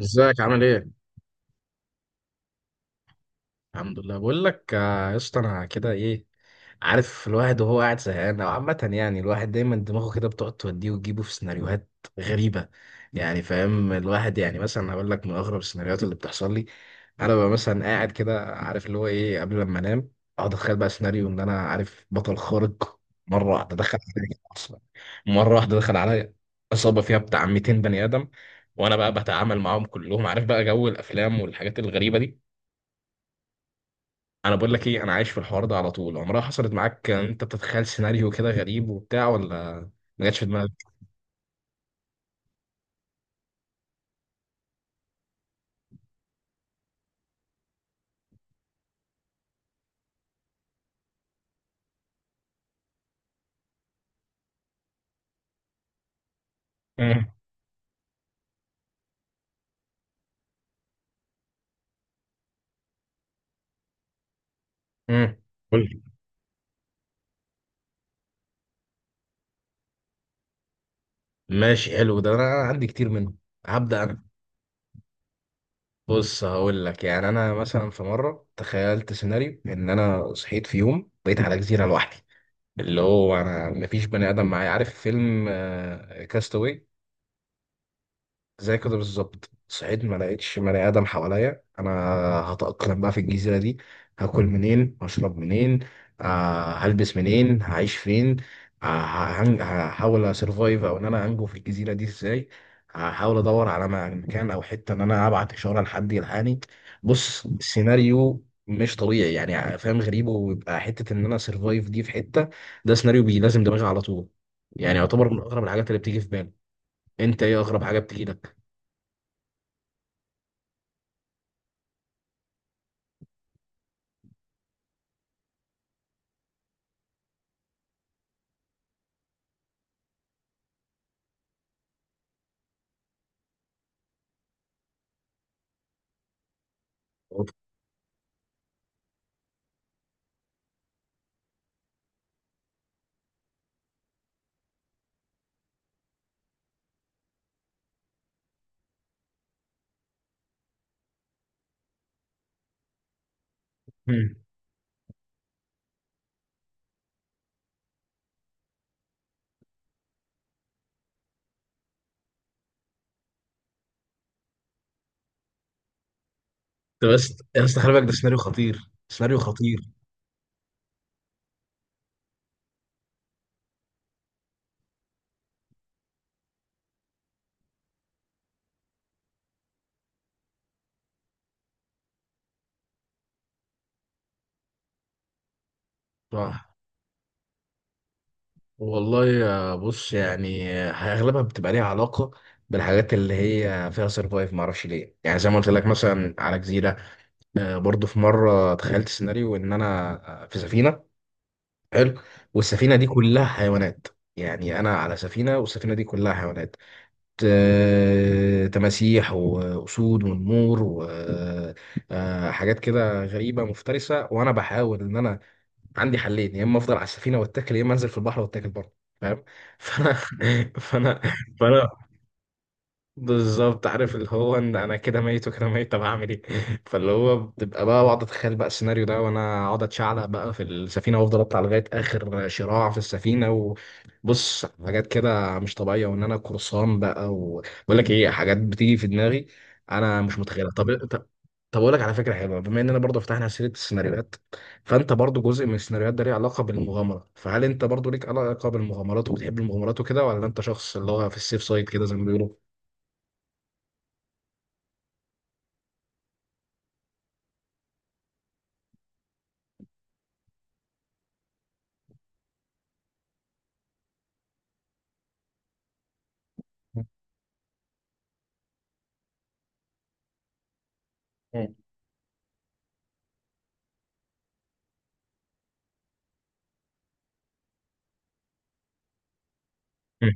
ازيك عامل ايه؟ الحمد لله. بقول لك يا اسطى انا كده ايه. عارف الواحد وهو قاعد زهقان او عامة، يعني الواحد دايما دماغه كده بتقعد توديه وتجيبه في سيناريوهات غريبة. يعني فاهم الواحد، يعني مثلا هقول لك من اغرب السيناريوهات اللي بتحصل لي. انا ببقى مثلا قاعد كده عارف اللي هو ايه قبل لما انام، اقعد اتخيل بقى سيناريو ان انا عارف بطل خارق. مرة واحدة دخل عليا كده اصلا، مرة واحدة دخل عليا عصابة فيها بتاع 200 بني آدم وانا بقى بتعامل معاهم كلهم، عارف بقى جو الافلام والحاجات الغريبة دي. انا بقول لك ايه، انا عايش في الحوار ده على طول. عمرها حصلت معاك انت بتتخيل سيناريو كده غريب وبتاع، ولا ما جاتش في دماغك؟ مم. مم. قول لي. ماشي، حلو ده، انا عندي كتير منه. هبدأ انا. بص، هقول لك يعني انا مثلا في مره تخيلت سيناريو ان انا صحيت في يوم بقيت على جزيره لوحدي، اللي هو انا مفيش بني ادم معايا. عارف فيلم كاستاوي؟ زي كده بالظبط، صحيت ما لقيتش بني ادم حواليا. انا هتأقلم بقى في الجزيرة دي، هاكل منين، هشرب منين، آه هلبس منين، هعيش فين، آه هحاول اسرفايف، او ان انا انجو في الجزيرة دي ازاي. هحاول ادور على مكان او حتة ان انا ابعت اشارة لحد يلحقني. بص سيناريو مش طبيعي، يعني فاهم غريب، ويبقى حتة ان انا سرفايف دي في حتة. ده سيناريو لازم دماغي على طول. يعني يعتبر من اغرب الحاجات اللي بتيجي في بالي. انت ايه اغرب حاجة بتيجي لك؟ مم. طب بس يا اسطى خلي بالك، ده سيناريو خطير، سيناريو خطير. صح والله. يا بص، يعني اغلبها بتبقى ليها علاقه بالحاجات اللي هي فيها سرفايف، ما اعرفش ليه. يعني زي ما قلت لك مثلا على جزيره. برضو في مره تخيلت سيناريو ان انا في سفينه. حلو. والسفينه دي كلها حيوانات. يعني انا على سفينه والسفينه دي كلها حيوانات، آه تماسيح واسود ونمور وحاجات كده غريبه مفترسه، وانا بحاول ان انا عندي حلين، يا اما افضل على السفينه واتكل، يا اما انزل في البحر واتكل برضه. فاهم؟ فانا فانا فانا بالظبط عارف اللي هو ان انا كده ميت وكده ميت، طب هعمل ايه؟ فاللي هو بتبقى بقى بقعد اتخيل بقى السيناريو ده، وانا اقعد اتشعلق بقى في السفينه وافضل اطلع لغايه اخر شراع في السفينه. وبص حاجات كده مش طبيعيه، وان انا قرصان بقى. وبقول لك ايه، حاجات بتيجي في دماغي انا مش متخيلها. طب اقول لك على فكره حلوه، بما اننا برضو فتحنا سيره السيناريوهات، فانت برضو جزء من السيناريوهات ده ليه علاقه بالمغامره، فهل انت برضو ليك علاقه بالمغامرات وبتحب المغامرات وكده، ولا انت شخص اللي هو في السيف سايد كده زي ما بيقولوا؟ مم. مم.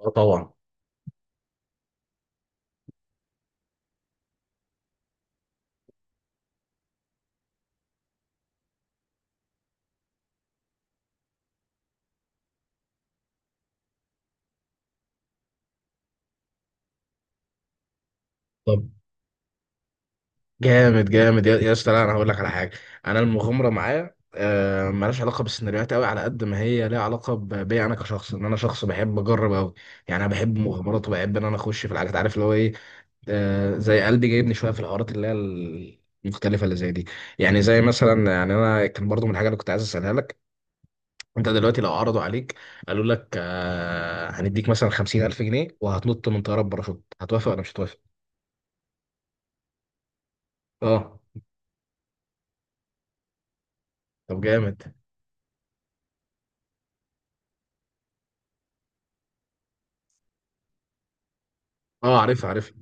اه طبعا. طب جامد، جامد يا اسطى. لا انا هقول لك على حاجه. انا المغامره معايا مالهاش علاقه بالسيناريوهات قوي، على قد ما هي ليها علاقه بيا انا كشخص، ان انا شخص بحب اجرب قوي. يعني انا بحب المغامرات وبحب ان انا اخش في الحاجات، عارف اللي هو ايه. زي قلبي جايبني شويه في الحوارات اللي هي المختلفه اللي زي دي. يعني زي مثلا، يعني انا كان برضو من الحاجه اللي كنت عايز اسالها لك، انت دلوقتي لو عرضوا عليك قالوا لك هنديك مثلا 50,000 جنيه وهتنط من طياره بباراشوت، هتوافق ولا مش هتوافق؟ اه. طب جامد. اه عارف عارف.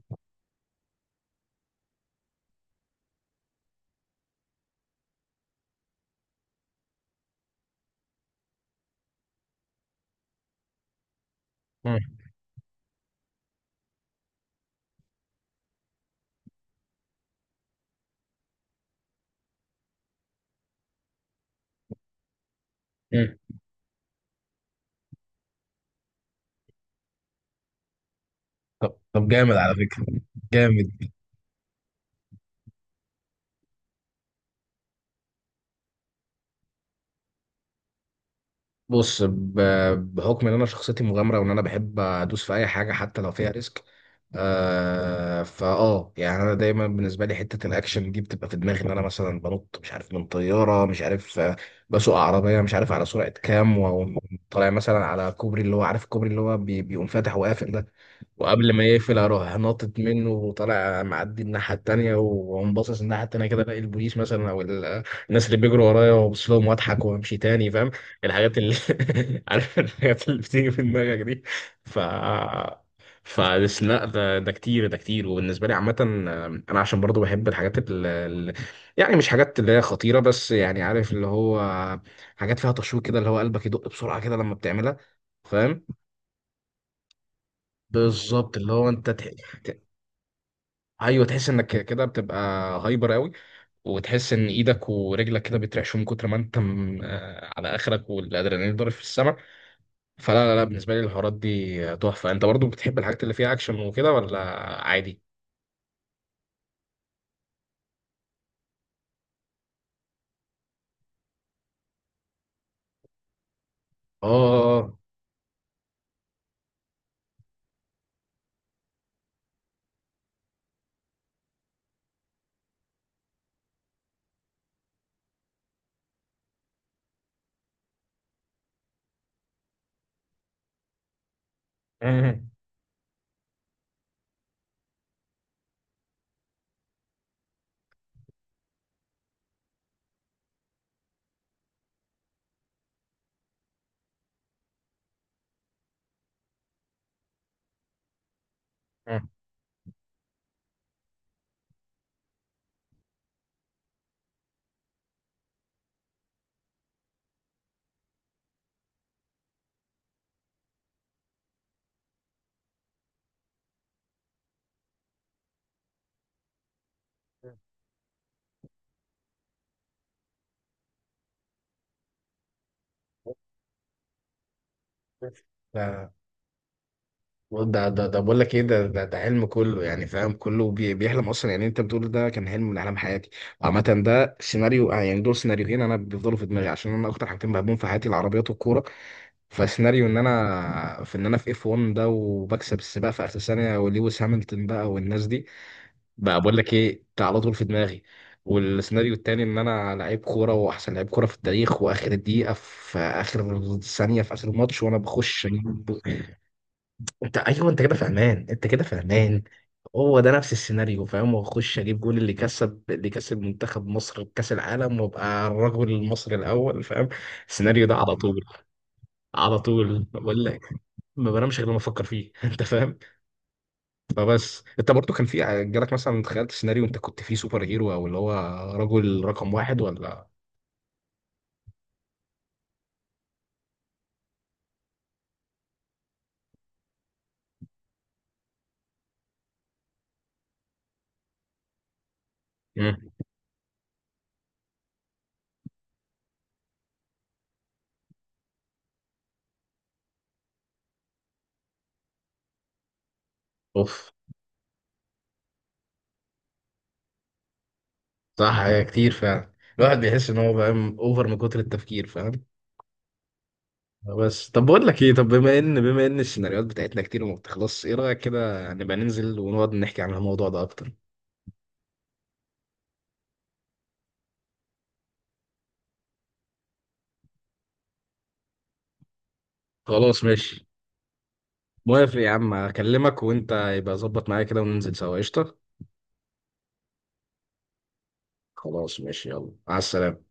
مم. مم. طب طب جامد على فكرة. جامد. بص ب- بحكم ان انا شخصيتي مغامرة وان انا بحب ادوس في اي حاجة حتى لو فيها ريسك، آه فاه، يعني انا دايما بالنسبة لي حتة الاكشن دي بتبقى في دماغي، ان انا مثلا بنط مش عارف من طيارة، مش عارف بسوق عربية مش عارف على سرعة كام، وطالع مثلا على كوبري اللي هو عارف الكوبري اللي هو بيقوم فاتح وقافل ده، وقبل ما يقفل اروح ناطط منه وطالع معدي الناحيه التانيه، واقوم باصص الناحيه التانيه كده الاقي البوليس مثلا او الناس اللي بيجروا ورايا، وابص لهم واضحك وامشي تاني. فاهم؟ الحاجات اللي عارف الحاجات اللي بتيجي في دماغك دي. ف فبس لا، ده ده كتير، ده كتير وبالنسبه لي عامه. انا عشان برضو بحب الحاجات اللي يعني مش حاجات اللي هي خطيره بس، يعني عارف اللي هو حاجات فيها تشويق كده، اللي هو قلبك يدق بسرعه كده لما بتعملها. فاهم؟ بالظبط اللي هو ايوه تحس انك كده بتبقى هايبر قوي، وتحس ان ايدك ورجلك كده بيترعشوا من كتر ما انت على اخرك، والادرينالين ضارب في السماء. فلا لا لا بالنسبه لي الحوارات دي تحفه. انت برضو بتحب الحاجات اللي فيها اكشن وكده، ولا عادي؟ اه. مم. مم. ده ده بقول لك ايه، ده حلم كله، يعني فاهم كله بيحلم اصلا. يعني انت بتقول ده كان حلم من احلام حياتي. عامه ده سيناريو، يعني دول سيناريوهين انا بيفضلوا في دماغي، عشان انا اكتر حاجتين بحبهم في حياتي العربيات والكوره. فسيناريو ان انا في اف 1 ده، وبكسب السباق في اخر ثانيه، ولويس هامilton بقى والناس دي بقى، بقول لك ايه ده على طول في دماغي. والسيناريو التاني ان انا لعيب كوره واحسن لعيب كوره في التاريخ، واخر الدقيقه في اخر ثانيه في اخر الماتش وانا بخش أجيب- انت ايوه انت كده فاهمان، انت كده فاهمان. هو ده نفس السيناريو فاهم، واخش اجيب جول اللي كسب، اللي كسب منتخب مصر كاس العالم، وابقى الرجل المصري الاول. فاهم؟ السيناريو ده على طول، على طول بقول لك. ما بنامش غير لما افكر فيه. انت فاهم؟ فبس انت برضو كان جالك مثلا تخيلت سيناريو انت كنت فيه سوبر هيرو، او اللي هو رجل رقم واحد ولا؟ مم. اوف. صح، هي كتير فعلا. الواحد بيحس ان هو فاهم اوفر من كتر التفكير. فاهم؟ بس طب بقول لك ايه، طب بما ان السيناريوهات بتاعتنا كتير وما بتخلصش، ايه رايك كده نبقى ننزل ونقعد نحكي عن الموضوع ده اكتر؟ خلاص ماشي، موافق يا عم. اكلمك وانت يبقى ظبط معايا كده وننزل سوا. قشطه. خلاص ماشي، يلا مع السلامه.